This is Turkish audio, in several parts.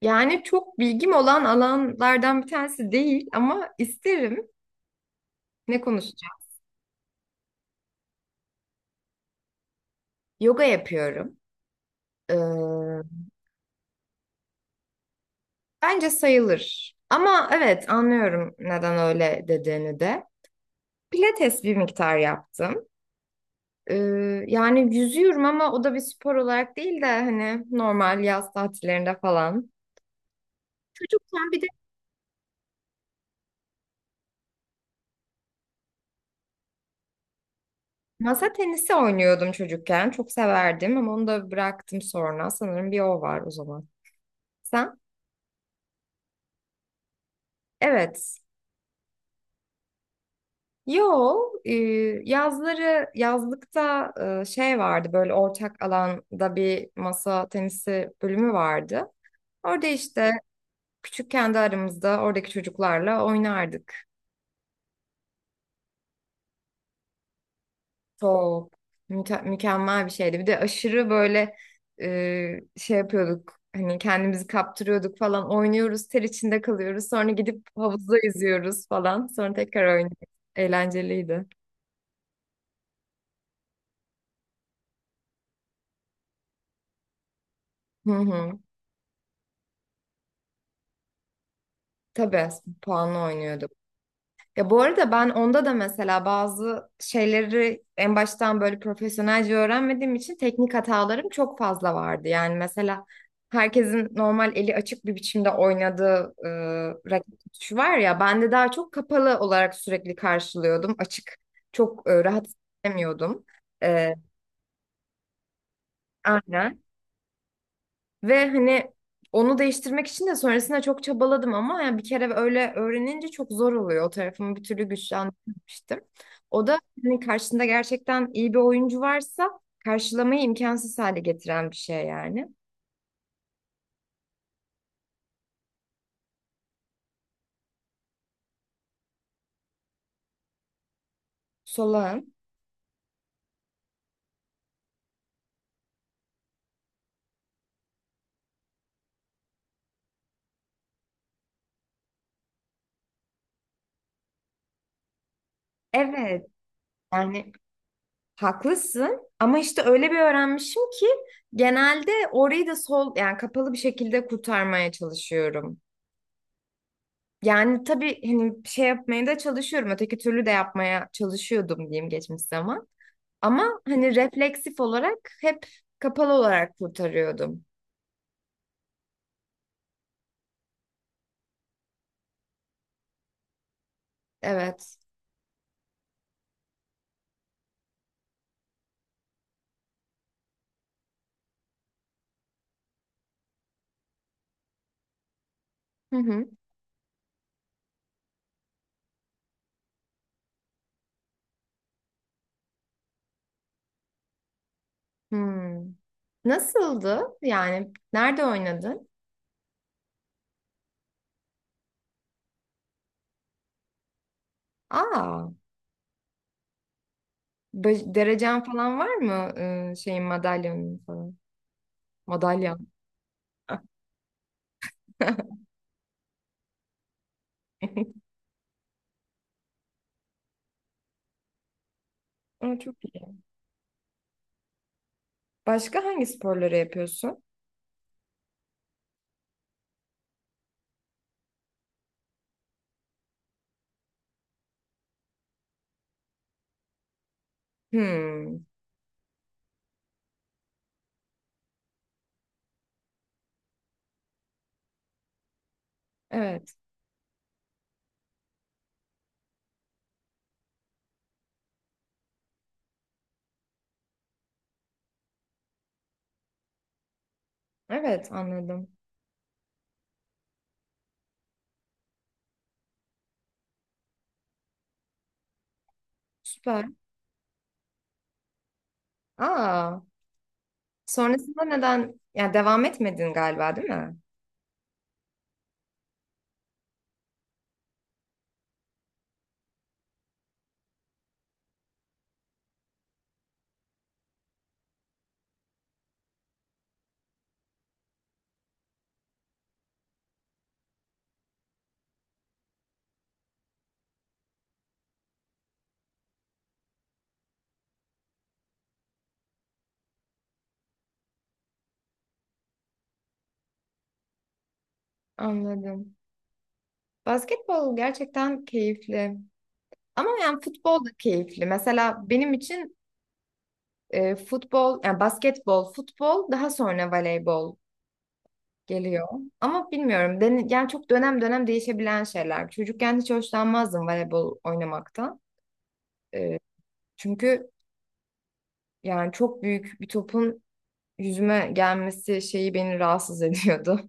Yani çok bilgim olan alanlardan bir tanesi değil ama isterim. Ne konuşacağım? Yoga yapıyorum. Ee, bence sayılır. Ama evet anlıyorum neden öyle dediğini de. Pilates bir miktar yaptım. Ee, yani yüzüyorum ama o da bir spor olarak değil de hani normal yaz tatillerinde falan. Çocukken bir de masa tenisi oynuyordum çocukken. Çok severdim ama onu da bıraktım sonra. Sanırım bir o var o zaman. Sen? Evet. Yo, e, yazları yazlıkta şey vardı böyle ortak alanda bir masa tenisi bölümü vardı. Orada işte küçük kendi aramızda oradaki çocuklarla oynardık. Çok mükemmel bir şeydi. Bir de aşırı böyle şey yapıyorduk. Hani kendimizi kaptırıyorduk falan. Oynuyoruz, ter içinde kalıyoruz. Sonra gidip havuzda yüzüyoruz falan. Sonra tekrar oynuyoruz. Eğlenceliydi. Hı hı. Tabii puanlı oynuyorduk. Ya bu arada ben onda da mesela bazı şeyleri en baştan böyle profesyonelce öğrenmediğim için teknik hatalarım çok fazla vardı. Yani mesela herkesin normal eli açık bir biçimde oynadığı raket tutuşu var ya ben de daha çok kapalı olarak sürekli karşılıyordum. Açık çok rahat edemiyordum. E, aynen. Ve hani onu değiştirmek için de sonrasında çok çabaladım ama yani bir kere öyle öğrenince çok zor oluyor. O tarafımı bir türlü güçlendirmemiştim. O da hani karşında gerçekten iyi bir oyuncu varsa karşılamayı imkansız hale getiren bir şey yani. Solağın. Evet, yani haklısın ama işte öyle bir öğrenmişim ki genelde orayı da sol yani kapalı bir şekilde kurtarmaya çalışıyorum. Yani tabii hani bir şey yapmaya da çalışıyorum. Öteki türlü de yapmaya çalışıyordum diyeyim, geçmiş zaman. Ama hani refleksif olarak hep kapalı olarak kurtarıyordum. Evet. Hı hı. Hmm. Nasıldı? Yani nerede oynadın? Aa, derecen falan var mı? Şeyin madalyonun falan. Madalyon. Aa, çok iyi. Başka hangi sporları yapıyorsun? Hmm. Evet. Evet, anladım. Süper. Aa. Sonrasında neden yani devam etmedin, galiba, değil mi? Anladım. Basketbol gerçekten keyifli. Ama yani futbol da keyifli. Mesela benim için futbol, yani basketbol, futbol, daha sonra voleybol geliyor. Ama bilmiyorum, yani çok dönem dönem değişebilen şeyler. Çocukken hiç hoşlanmazdım voleybol oynamaktan. E, çünkü yani çok büyük bir topun yüzüme gelmesi şeyi beni rahatsız ediyordu.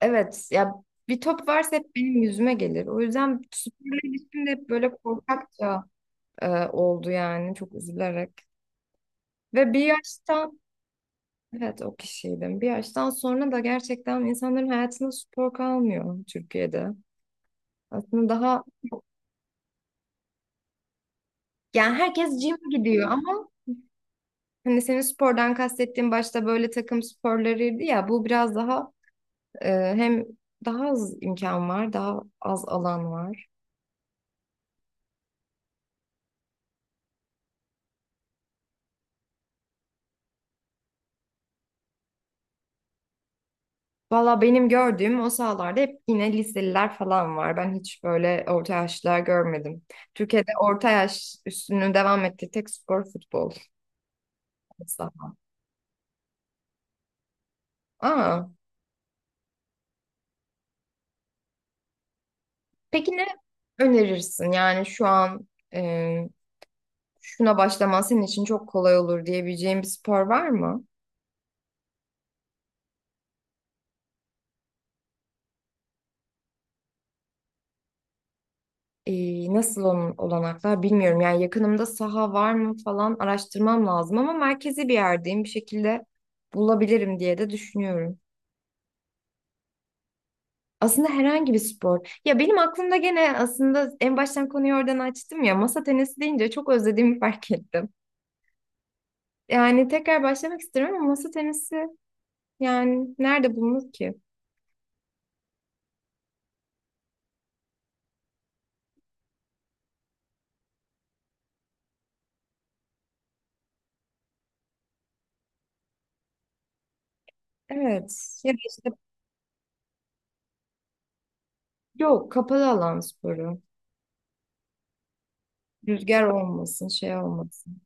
Evet ya, bir top varsa hep benim yüzüme gelir. O yüzden sporla ilişkim de hep böyle korkakça oldu yani, çok üzülerek. Ve bir yaştan, evet, o kişiydim. Bir yaştan sonra da gerçekten insanların hayatında spor kalmıyor Türkiye'de. Aslında daha yani herkes gym gidiyor ama hani senin spordan kastettiğin başta böyle takım sporlarıydı ya, bu biraz daha hem daha az imkan var, daha az alan var. Valla benim gördüğüm o sahalarda hep yine liseliler falan var. Ben hiç böyle orta yaşlılar görmedim. Türkiye'de orta yaş üstünü devam ettiği tek spor futbol aslında. Aa, peki ne önerirsin? Yani şu an e, şuna başlaman senin için çok kolay olur diyebileceğin bir spor var mı? Nasıl onun olanaklar bilmiyorum. Yani yakınımda saha var mı falan araştırmam lazım ama merkezi bir yerdeyim, bir şekilde bulabilirim diye de düşünüyorum. Aslında herhangi bir spor. Ya benim aklımda gene aslında en baştan konuyu oradan açtım ya, masa tenisi deyince çok özlediğimi fark ettim. Yani tekrar başlamak istiyorum ama masa tenisi yani nerede bulunur ki? Evet. Ya da işte yok, kapalı alan sporu. Rüzgar olmasın, şey olmasın.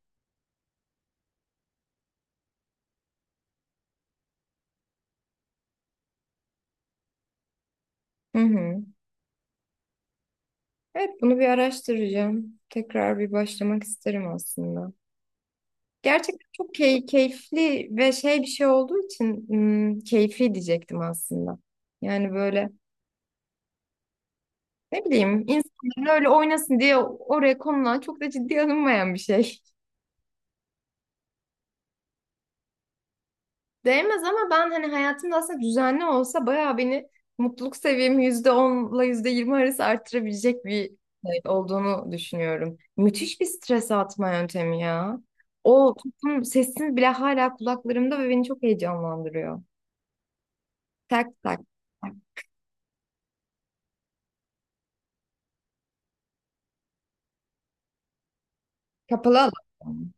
Hı hı. Evet, bunu bir araştıracağım. Tekrar bir başlamak isterim aslında. Gerçekten çok keyifli ve şey bir şey olduğu için keyfi diyecektim aslında. Yani böyle, ne bileyim, insanların öyle oynasın diye oraya konulan çok da ciddiye alınmayan bir şey. Değmez ama ben hani hayatımda aslında düzenli olsa bayağı beni, mutluluk seviyemi %10'la yüzde yirmi arası arttırabilecek bir şey olduğunu düşünüyorum. Müthiş bir stres atma yöntemi ya. O toplum sesini bile hala kulaklarımda ve beni çok heyecanlandırıyor. Tak tak tak. Kapalı alan.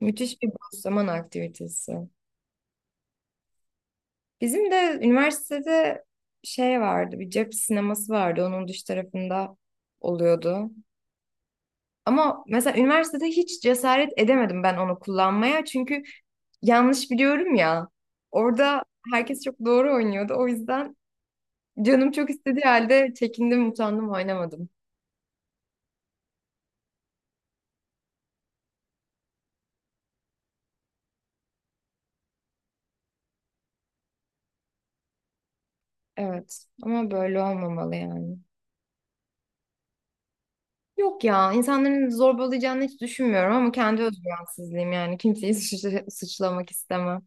Müthiş bir boş zaman aktivitesi. Bizim de üniversitede şey vardı, bir cep sineması vardı. Onun dış tarafında oluyordu. Ama mesela üniversitede hiç cesaret edemedim ben onu kullanmaya. Çünkü yanlış biliyorum ya. Orada herkes çok doğru oynuyordu. O yüzden canım çok istediği halde çekindim, utandım, oynamadım. Evet ama böyle olmamalı yani. Yok ya, insanların zorbalayacağını hiç düşünmüyorum ama kendi özgüvensizliğim, yani kimseyi suçlamak istemem.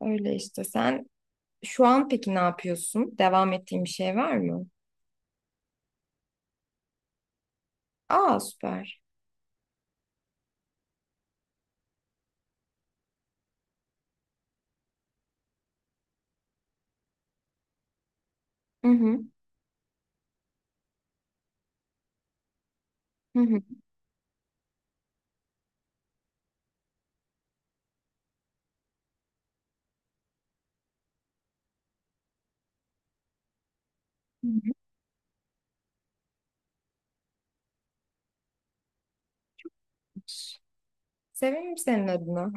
Öyle işte sen. Şu an peki ne yapıyorsun? Devam ettiğin bir şey var mı? Aa, süper. Hı hı. Hı hı. Hı hı. Sevinirim senin adına.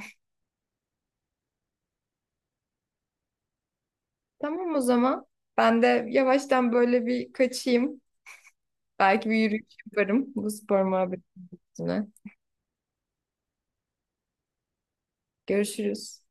Tamam, o zaman. Ben de yavaştan böyle bir kaçayım. Belki bir yürüyüş yaparım bu spor muhabbetine. Görüşürüz.